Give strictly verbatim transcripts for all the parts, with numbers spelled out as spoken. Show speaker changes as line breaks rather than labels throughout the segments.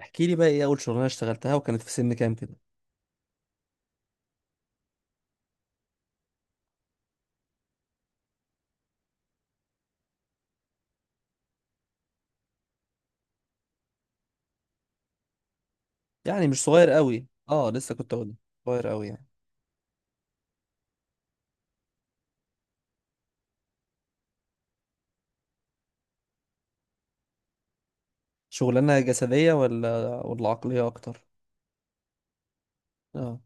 احكي لي بقى ايه اول شغلانه اشتغلتها وكانت في سن كام كده. يعني مش صغير قوي، اه لسه كنت اقول صغير قوي يعني. شغلانه جسديه ولا ولا عقليه اكتر. اه،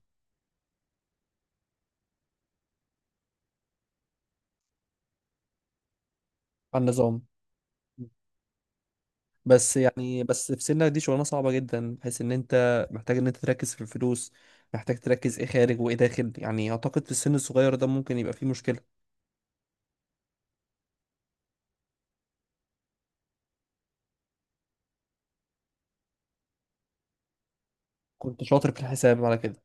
على النظام. بس يعني بس في سنك دي شغلانه صعبه جدا، بحيث ان انت محتاج ان انت تركز في الفلوس، محتاج تركز ايه خارج وايه داخل. يعني اعتقد في السن الصغير ده ممكن يبقى فيه مشكله. كنت شاطر في الحساب على كده.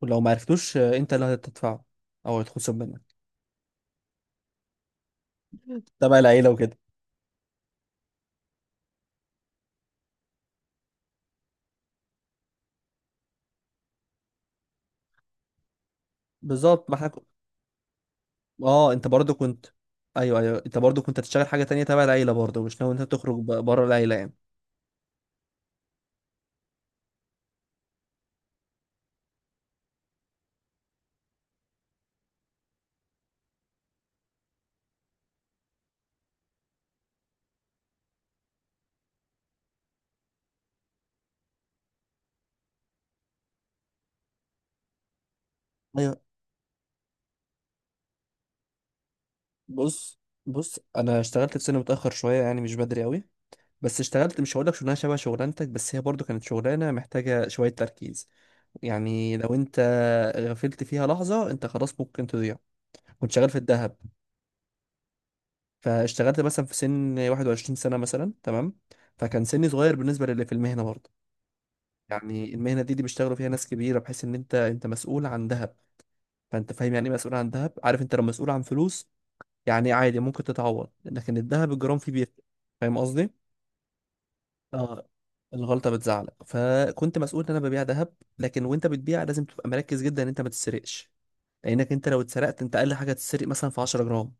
ولو ما عرفتوش آه، انت اللي هتدفعه، او هيتخصم منك. تبع العيله وكده. بالظبط ما احنا. اه انت برضو كنت. ايوه ايوه، انت برضو كنت هتشتغل حاجه تانية تبع العيله برضو، مش ناوي انت تخرج ب- بره العيله يعني. ايوه. بص بص انا اشتغلت في سنه متاخر شويه، يعني مش بدري قوي. بس اشتغلت، مش هقول لك شغلانه شبه شغلانتك، بس هي برضو كانت شغلانه محتاجه شويه تركيز. يعني لو انت غفلت فيها لحظه انت خلاص ممكن تضيع. كنت شغال في الذهب. فاشتغلت مثلا في سن واحد وعشرين سنة سنه مثلا، تمام. فكان سني صغير بالنسبه للي في المهنه برضو. يعني المهنه دي دي بيشتغلوا فيها ناس كبيره، بحيث ان انت انت مسؤول عن ذهب. فانت فاهم يعني ايه مسؤول عن ذهب، عارف انت لو مسؤول عن فلوس يعني عادي ممكن تتعوض، لكن الذهب الجرام فيه بيفرق. فاهم قصدي. اه، الغلطه بتزعلك، فكنت مسؤول ان انا ببيع ذهب. لكن وانت بتبيع لازم تبقى مركز جدا ان انت ما تسرقش، لانك انت لو اتسرقت انت اقل حاجه تتسرق مثلا في 10 جرام،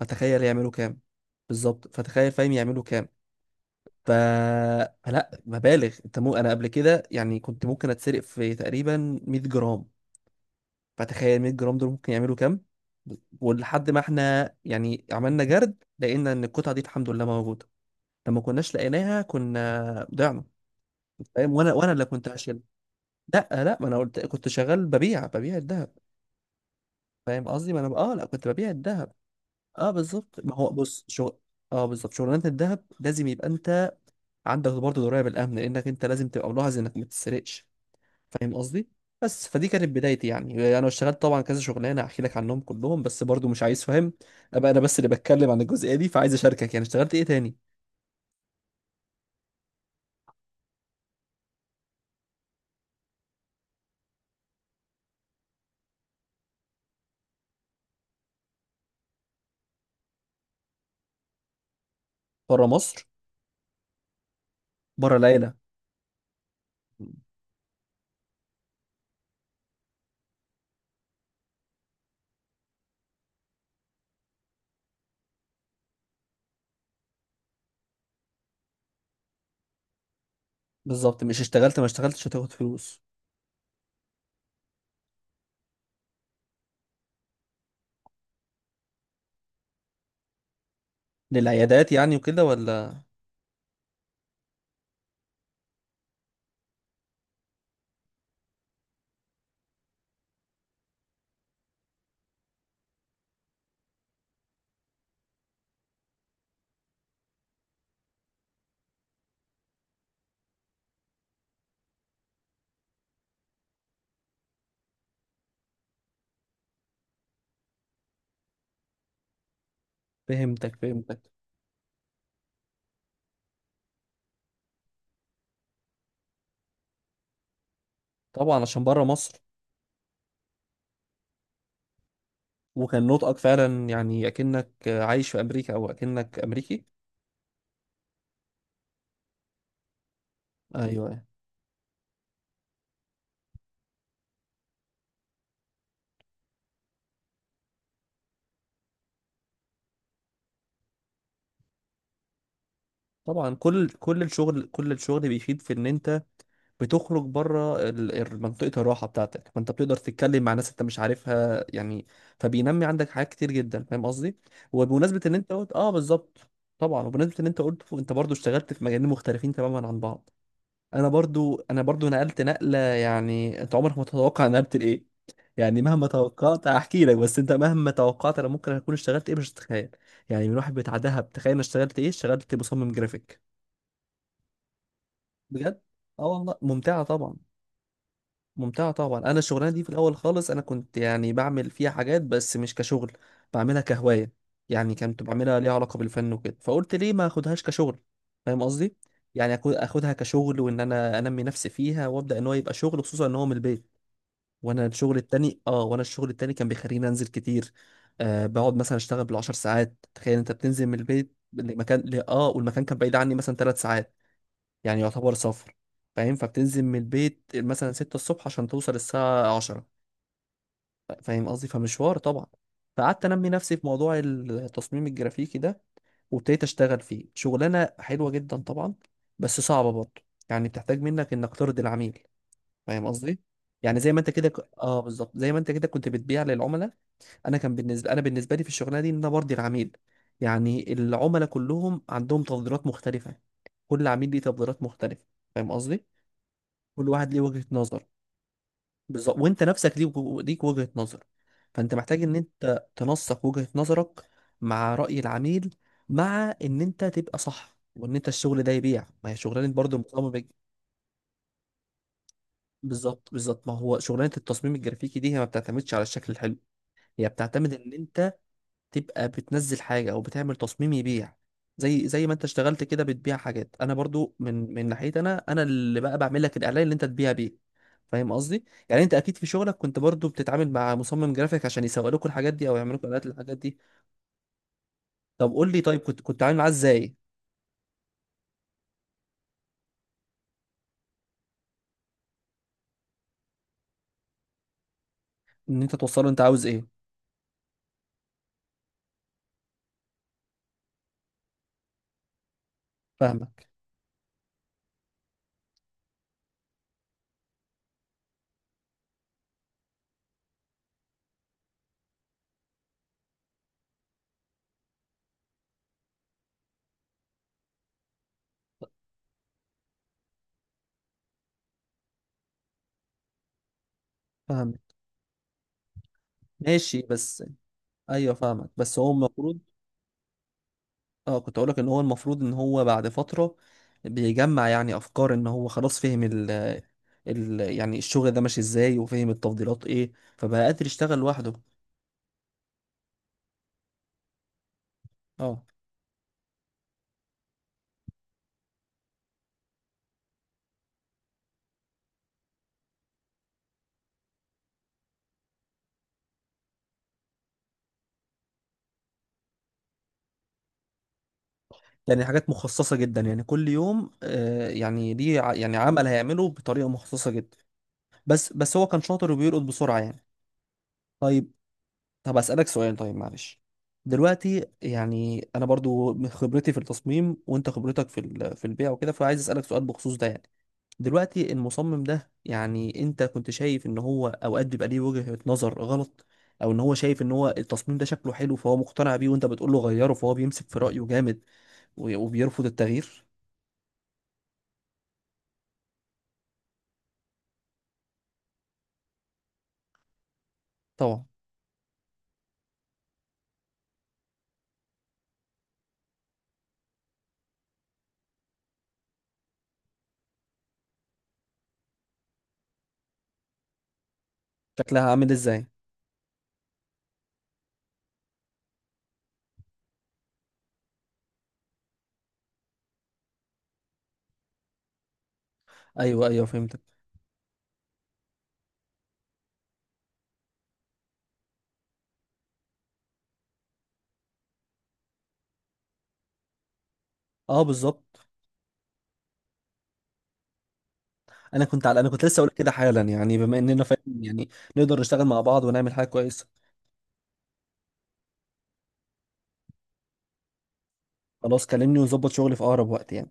فتخيل يعملوا كام. بالظبط، فتخيل فاهم يعملوا كام. ف... فلا مبالغ، انت مو انا قبل كده يعني كنت ممكن اتسرق في تقريبا 100 جرام. فتخيل 100 جرام دول ممكن يعملوا كام. ولحد ما احنا يعني عملنا جرد لقينا ان القطعه دي الحمد لله موجوده. لما كناش لقيناها كنا ضيعنا. فاهم، وانا وانا اللي كنت هشيل. لا لا ما انا قلت كنت شغال ببيع ببيع الذهب. فاهم قصدي، ما انا اه لا كنت ببيع الذهب. اه بالظبط، ما هو بص شغل. اه بالظبط، شغلانه الذهب لازم يبقى انت عندك برضه درايه بالامن، لانك انت لازم تبقى ملاحظ انك ما تتسرقش. فاهم قصدي. بس فدي كانت بدايتي، يعني انا اشتغلت طبعا كذا شغلانه احكي لك عنهم كلهم، بس برضو مش عايز فاهم ابقى انا بس اللي بتكلم عن الجزئيه دي. فعايز اشاركك يعني اشتغلت ايه تاني. بره مصر. بره العيله. بالظبط، مش اشتغلت ما اشتغلتش هتاخد فلوس. للعيادات يعني وكده ولا. فهمتك فهمتك طبعا عشان بره مصر. وكان نطقك فعلا يعني اكنك عايش في امريكا او اكنك امريكي. ايوه طبعا. كل كل الشغل، كل الشغل بيفيد في ان انت بتخرج بره ال- ال- منطقة الراحة بتاعتك، فانت بتقدر تتكلم مع ناس انت مش عارفها يعني. فبينمي عندك حاجات كتير جدا. فاهم قصدي. وبمناسبة ان انت قلت اه بالظبط. طبعا، وبمناسبة ان انت قلت انت برضو اشتغلت في مجالين مختلفين تماما عن بعض، انا برضو انا برضو نقلت نقلة. يعني انت عمرك ما تتوقع انا نقلت لايه. يعني مهما توقعت هحكي لك، بس انت مهما توقعت انا ممكن اكون اشتغلت ايه مش هتتخيل. يعني من واحد بتاع دهب، تخيل انا اشتغلت ايه، اشتغلت مصمم جرافيك. بجد. اه والله ممتعة طبعا. ممتعة طبعا. أنا الشغلانة دي في الأول خالص أنا كنت يعني بعمل فيها حاجات بس مش كشغل، بعملها كهواية. يعني كنت بعملها ليها علاقة بالفن وكده، فقلت ليه ما أخدهاش كشغل. فاهم قصدي؟ يعني أكو- أخدها كشغل وإن أنا أنمي نفسي فيها وأبدأ إن هو يبقى شغل، خصوصا إن هو من البيت. وأنا الشغل التاني آه وأنا الشغل التاني كان بيخليني أنزل كتير. آه، بقعد مثلا أشتغل بالعشر ساعات. تخيل أنت بتنزل من البيت لمكان ل- آه والمكان كان بعيد عني مثلا ثلاث ساعات. يعني يعتبر سفر. فاهم، فبتنزل من البيت مثلا ستة الصبح عشان توصل الساعة عشرة. فاهم قصدي، فمشوار طبعا. فقعدت انمي نفسي في موضوع التصميم الجرافيكي ده. وابتديت اشتغل فيه، شغلانة حلوة جدا طبعا. بس صعبة برضه. يعني بتحتاج منك انك ترضي العميل. فاهم قصدي. يعني زي ما انت كده ك... اه بالظبط، زي ما انت كده كنت بتبيع للعملاء، انا كان بالنسبه انا بالنسبه لي في الشغلانه دي ان انا برضي العميل. يعني العملاء كلهم عندهم تفضيلات مختلفه، كل عميل ليه تفضيلات مختلفه. فاهم قصدي. كل واحد ليه وجهة نظر، بالظبط. وانت نفسك ليك ليك وجهة نظر. فانت محتاج ان انت تنسق وجهة نظرك مع رأي العميل، مع ان انت تبقى صح وان انت الشغل ده يبيع. ما هي شغلانة برضه المصمم الج- بالظبط بالظبط. ما هو شغلانة التصميم الجرافيكي دي هي ما بتعتمدش على الشكل الحلو، هي بتعتمد ان انت تبقى بتنزل حاجة او بتعمل تصميم يبيع. زي زي ما انت اشتغلت كده بتبيع حاجات، انا برضو من من ناحيتي انا، انا اللي بقى بعمل لك الاعلان اللي انت تبيع بيه. فاهم قصدي. يعني انت اكيد في شغلك كنت برضو بتتعامل مع مصمم جرافيك عشان يسوق لكم الحاجات دي او يعملوا لكم اعلانات للحاجات دي. طب قول لي، طيب كنت كنت عامل معاه ازاي. ان انت توصله انت عاوز ايه. فاهمك فاهمك ماشي بس. ايوه فاهمك، بس هو المفروض، اه كنت اقول لك ان هو المفروض ان هو بعد فترة بيجمع يعني افكار، ان هو خلاص فهم ال ال يعني الشغل ده ماشي ازاي، وفهم التفضيلات ايه، فبقى قادر يشتغل لوحده. اه. يعني حاجات مخصصة جدا، يعني كل يوم آه، يعني دي ع- يعني عمل هيعمله بطريقة مخصصة جدا. بس بس هو كان شاطر وبيرقد بسرعة يعني. طيب. طب أسألك سؤال طيب، معلش. دلوقتي يعني أنا برضو من خبرتي في التصميم وأنت خبرتك في ال- في البيع وكده، فعايز أسألك سؤال بخصوص ده يعني. دلوقتي المصمم ده، يعني أنت كنت شايف إن هو أوقات بيبقى ليه وجهة نظر غلط، أو إن هو شايف إن هو التصميم ده شكله حلو فهو مقتنع بيه وأنت بتقول له غيره، فهو بيمسك في رأيه جامد و- وبيرفض التغيير. طبعا. شكلها عامل ازاي. ايوه ايوه فهمتك. اه بالظبط. انا كنت على، انا كنت لسه اقول كده حالا يعني، بما اننا فاهم يعني نقدر نشتغل مع بعض ونعمل حاجه كويسه. خلاص كلمني ونظبط شغلي في اقرب وقت يعني.